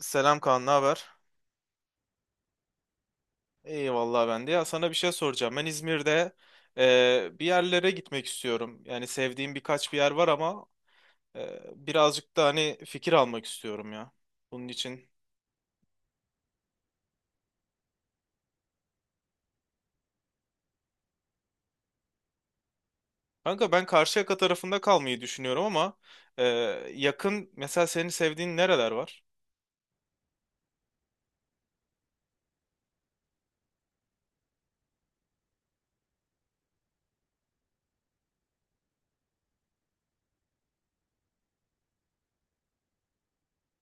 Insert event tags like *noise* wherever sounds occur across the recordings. Selam Kaan, ne haber? İyi vallahi ben de. Ya sana bir şey soracağım. Ben İzmir'de, bir yerlere gitmek istiyorum. Yani sevdiğim birkaç bir yer var ama birazcık da hani fikir almak istiyorum ya. Bunun için. Kanka ben Karşıyaka tarafında kalmayı düşünüyorum ama e, yakın mesela senin sevdiğin nereler var?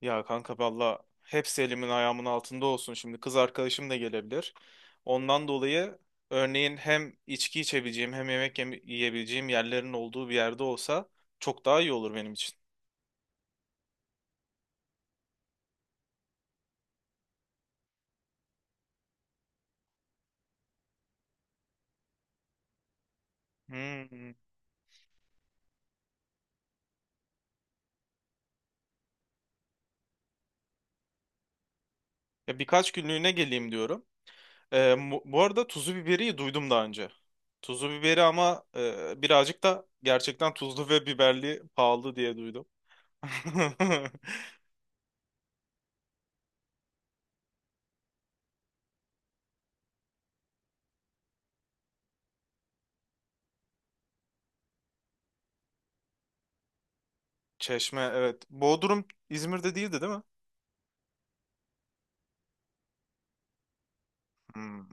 Ya kanka valla hepsi elimin ayağımın altında olsun. Şimdi kız arkadaşım da gelebilir. Ondan dolayı örneğin hem içki içebileceğim hem yiyebileceğim yerlerin olduğu bir yerde olsa çok daha iyi olur benim için. Hmm. Ya birkaç günlüğüne geleyim diyorum. Bu arada tuzu biberi duydum daha önce. Tuzu biberi ama birazcık da gerçekten tuzlu ve biberli pahalı diye duydum. *laughs* Çeşme evet. Bodrum İzmir'de değildi değil mi? Hmm.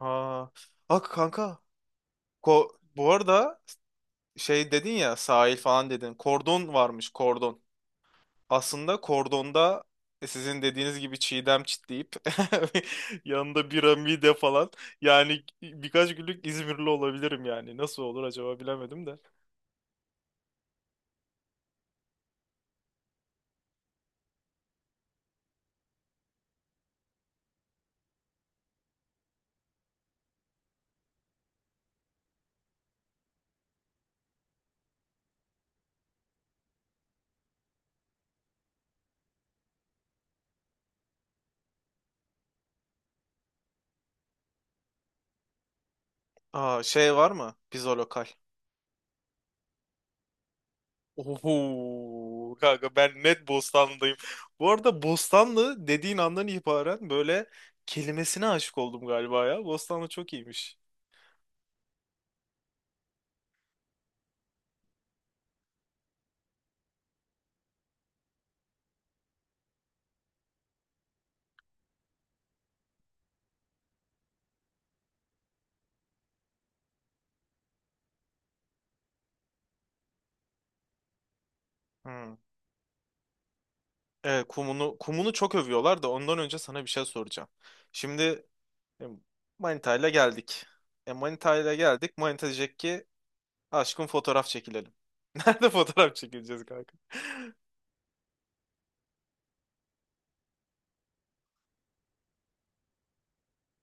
Aa, bak kanka. Ko bu arada şey dedin ya, sahil falan dedin. Kordon varmış, kordon. Aslında kordonda sizin dediğiniz gibi çiğdem çitleyip *laughs* yanında bira mide falan. Yani birkaç günlük İzmirli olabilirim yani. Nasıl olur acaba bilemedim de. Aa, şey var mı? Pizza lokal. Oho, kanka ben net Bostanlı'dayım. Bu arada Bostanlı dediğin andan itibaren böyle kelimesine aşık oldum galiba ya. Bostanlı çok iyiymiş. Hmm. Evet, kumunu kumunu çok övüyorlar da ondan önce sana bir şey soracağım. Şimdi e, Manita ile geldik. E, Manita ile geldik. Manita diyecek ki aşkım, fotoğraf çekilelim. *laughs* Nerede fotoğraf çekileceğiz kanka?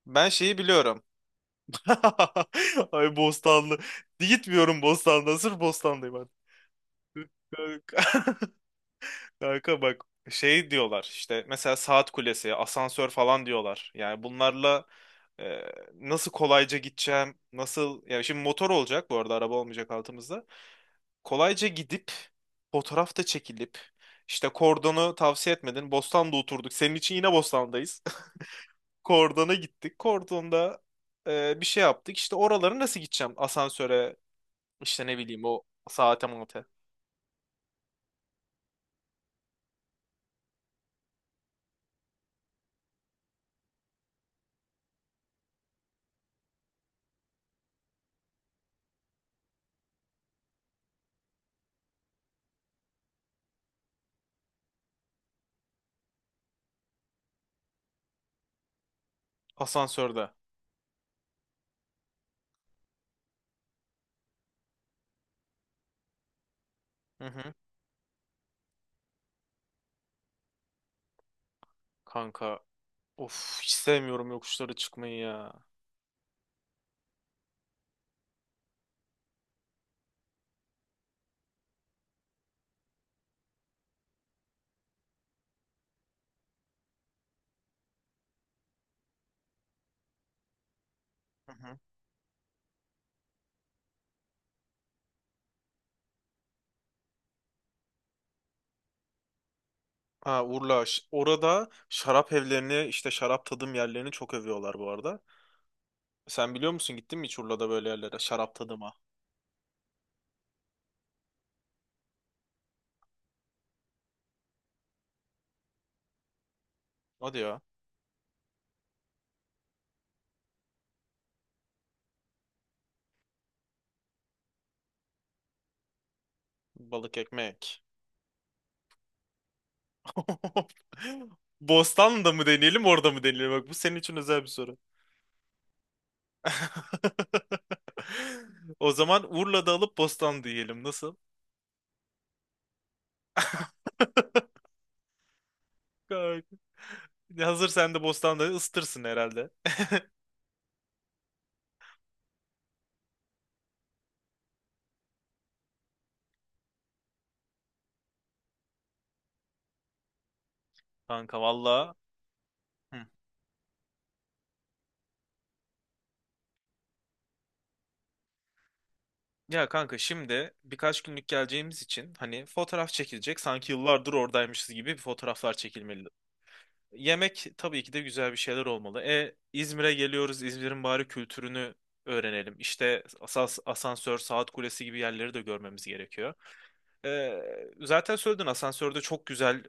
Ben şeyi biliyorum. *laughs* Ay Bostanlı. Gitmiyorum Bostan'da. Sırf Bostan'dayım artık. *laughs* Kanka bak, şey diyorlar işte, mesela saat kulesi, asansör falan diyorlar. Yani bunlarla, e, nasıl kolayca gideceğim, nasıl yani şimdi motor olacak bu arada, araba olmayacak altımızda. Kolayca gidip fotoğraf da çekilip, işte kordonu tavsiye etmedin. Bostan'da oturduk. Senin için yine Bostan'dayız. *laughs* Kordona gittik. Kordonda bir şey yaptık. İşte oraları nasıl gideceğim? Asansöre, işte ne bileyim o saate mate. Asansörde. Hı hı. Kanka, of, hiç sevmiyorum yokuşlara çıkmayı ya. Hı hı. Ha Urla, ş- orada şarap evlerini işte şarap tadım yerlerini çok övüyorlar bu arada. Sen biliyor musun, gittin mi hiç Urla'da böyle yerlere şarap tadıma? Hadi ya, balık ekmek. *laughs* Bostanlı'da mı deneyelim, orada mı deneyelim? Bak, bu senin için özel bir soru. *laughs* O zaman Urla'da alıp Bostanlı diyelim, nasıl? *laughs* Kanka, hazır sen de Bostanlı'yı ısıtırsın herhalde. Kanka valla. Ya kanka şimdi birkaç günlük geleceğimiz için hani fotoğraf çekilecek, sanki yıllardır oradaymışız gibi bir fotoğraflar çekilmeli. Yemek tabii ki de güzel bir şeyler olmalı. E, İzmir'e geliyoruz, İzmir'in bari kültürünü öğrenelim. İşte asas, asansör, saat kulesi gibi yerleri de görmemiz gerekiyor. E, Zaten söyledin, asansörde çok güzel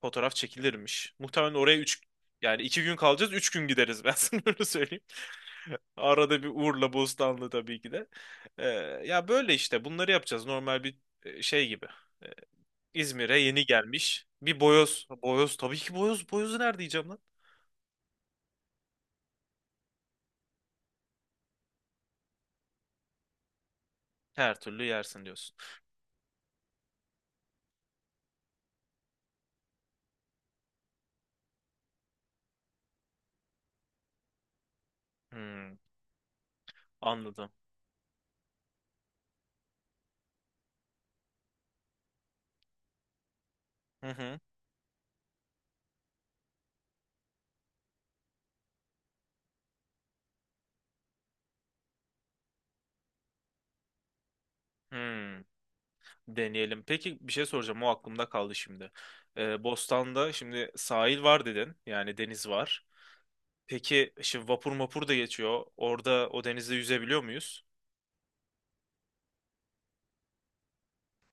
fotoğraf çekilirmiş. Muhtemelen oraya 3, yani 2 gün kalacağız, 3 gün gideriz *laughs* ben sana öyle söyleyeyim. Arada bir Urla Bostanlı tabii ki de. Ee, Ya böyle işte bunları yapacağız. Normal bir, şey gibi. Ee, İzmir'e yeni gelmiş. Bir boyoz. Boyoz tabii ki boyoz. Boyozu nerede yiyeceğim lan? Her türlü yersin diyorsun. Hmm, anladım. Hı hı. Hmm, deneyelim. Peki bir şey soracağım. O aklımda kaldı şimdi. Bostan'da şimdi sahil var dedin. Yani deniz var. Peki şimdi vapur mapur da geçiyor. Orada o denizde yüzebiliyor muyuz?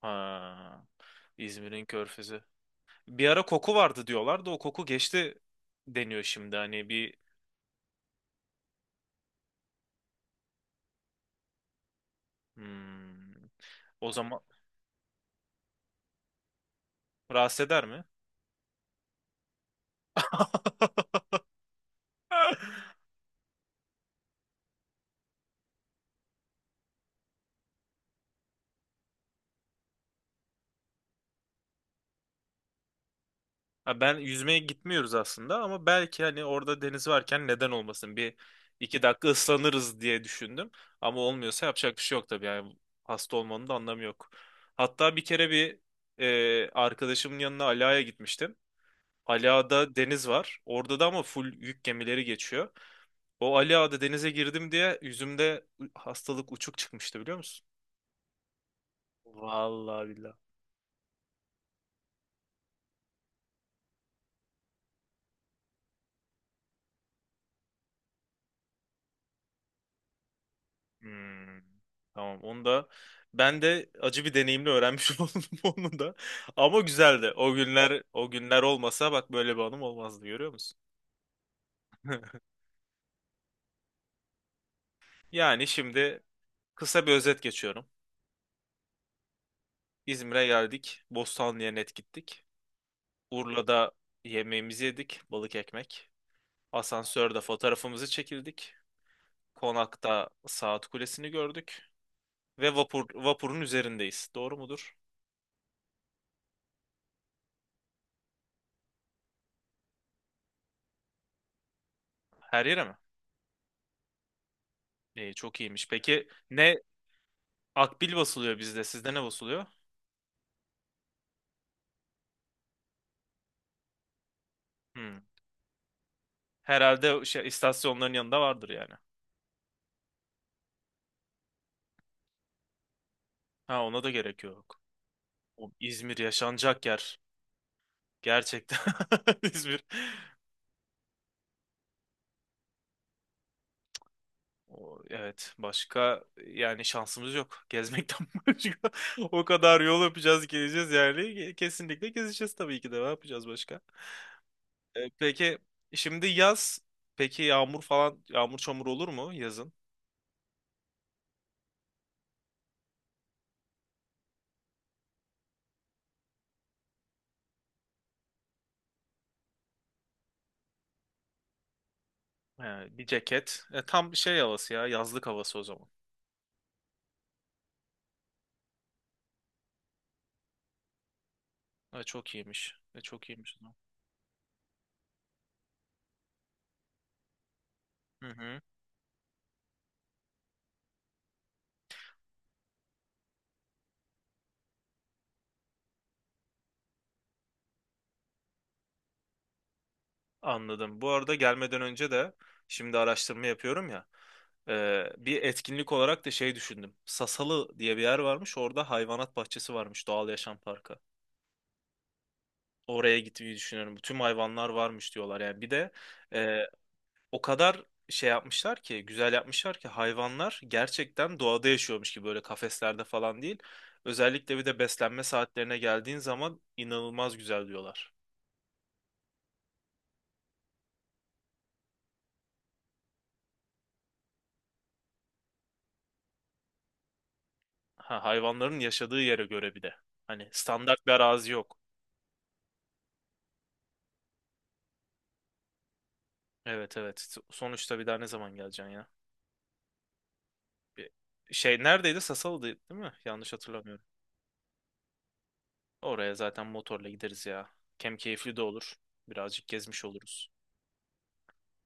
Ha, İzmir'in körfezi. Bir ara koku vardı diyorlar da o koku geçti deniyor şimdi. Hani bir, hmm, o zaman rahatsız eder mi? *laughs* Ha, ben yüzmeye gitmiyoruz aslında ama belki hani orada deniz varken neden olmasın, bir iki dakika ıslanırız diye düşündüm. Ama olmuyorsa yapacak bir şey yok tabii, yani hasta olmanın da anlamı yok. Hatta bir kere bir, arkadaşımın yanına Ala'ya gitmiştim. Ala'da deniz var. Orada da ama full yük gemileri geçiyor. O Ali Ağa'da denize girdim diye yüzümde hastalık uçuk çıkmıştı biliyor musun? Vallahi billahi. Hmm, tamam onu da, ben de acı bir deneyimle öğrenmiş *laughs* oldum onu da. Ama güzeldi. O günler, o günler olmasa bak böyle bir anım olmazdı, görüyor musun? *laughs* Yani şimdi kısa bir özet geçiyorum. İzmir'e geldik. Bostanlı'ya net gittik. Urla'da yemeğimizi yedik. Balık ekmek. Asansörde fotoğrafımızı çekildik. Konakta saat kulesini gördük. Ve vapur, vapurun üzerindeyiz. Doğru mudur? Her yere mi? İyi, çok iyiymiş. Peki ne akbil basılıyor bizde? Sizde ne basılıyor? Hmm. Herhalde şey, istasyonların yanında vardır yani. Ha, ona da gerek yok. O, İzmir yaşanacak yer. Gerçekten *laughs* İzmir. O, evet, başka yani şansımız yok. Gezmekten *laughs* başka. O kadar yol yapacağız geleceğiz yani. Kesinlikle gezeceğiz tabii ki de. Ne yapacağız başka? E, peki şimdi yaz. Peki yağmur falan, yağmur çamur olur mu yazın? He, bir ceket. E, tam şey havası ya, yazlık havası o zaman. E, çok iyiymiş. E, çok iyiymiş o zaman. Hı hı. Anladım. Bu arada gelmeden önce de şimdi araştırma yapıyorum ya. Bir etkinlik olarak da şey düşündüm. Sasalı diye bir yer varmış. Orada hayvanat bahçesi varmış. Doğal Yaşam Parkı. Oraya gitmeyi düşünüyorum. Tüm hayvanlar varmış diyorlar. Yani bir de, e, o kadar şey yapmışlar ki, güzel yapmışlar ki hayvanlar gerçekten doğada yaşıyormuş gibi, böyle kafeslerde falan değil. Özellikle bir de beslenme saatlerine geldiğin zaman inanılmaz güzel diyorlar. Ha, hayvanların yaşadığı yere göre bir de. Hani standart bir arazi yok. Evet, evet. Sonuçta bir daha ne zaman geleceksin ya? Bir şey neredeydi? Sasalı'da değil mi? Yanlış hatırlamıyorum. Oraya zaten motorla gideriz ya. Hem keyifli de olur. Birazcık gezmiş oluruz.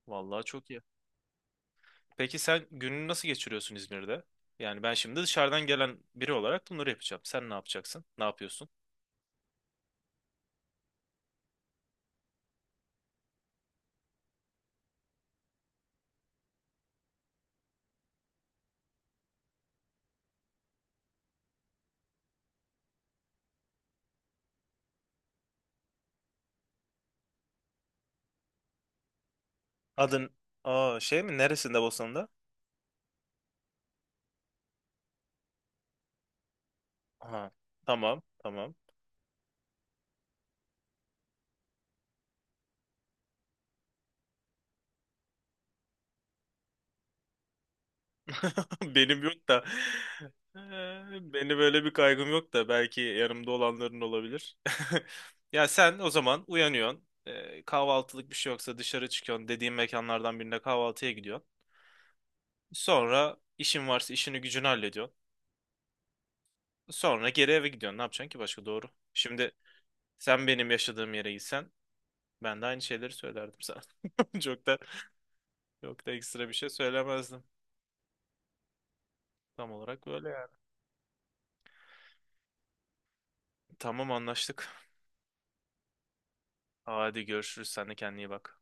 Vallahi çok iyi. Peki sen gününü nasıl geçiriyorsun İzmir'de? Yani ben şimdi dışarıdan gelen biri olarak bunları yapacağım. Sen ne yapacaksın? Ne yapıyorsun? Adın, aa, şey mi? Neresinde, Bosna'da? Aha, tamam tamam. *laughs* Benim yok da, *laughs* beni böyle bir kaygım yok da belki yanımda olanların olabilir. *laughs* Ya sen o zaman uyanıyorsun. Kahvaltılık bir şey yoksa dışarı çıkıyorsun. Dediğim mekanlardan birine kahvaltıya gidiyorsun. Sonra işin varsa işini gücünü hallediyorsun. Sonra geri eve gidiyorsun. Ne yapacaksın ki başka, doğru? Şimdi sen benim yaşadığım yere gitsen ben de aynı şeyleri söylerdim sana. *laughs* Çok da Çok da ekstra bir şey söylemezdim. Tam olarak böyle yani. Tamam, anlaştık. Hadi görüşürüz. Sen de kendine iyi bak.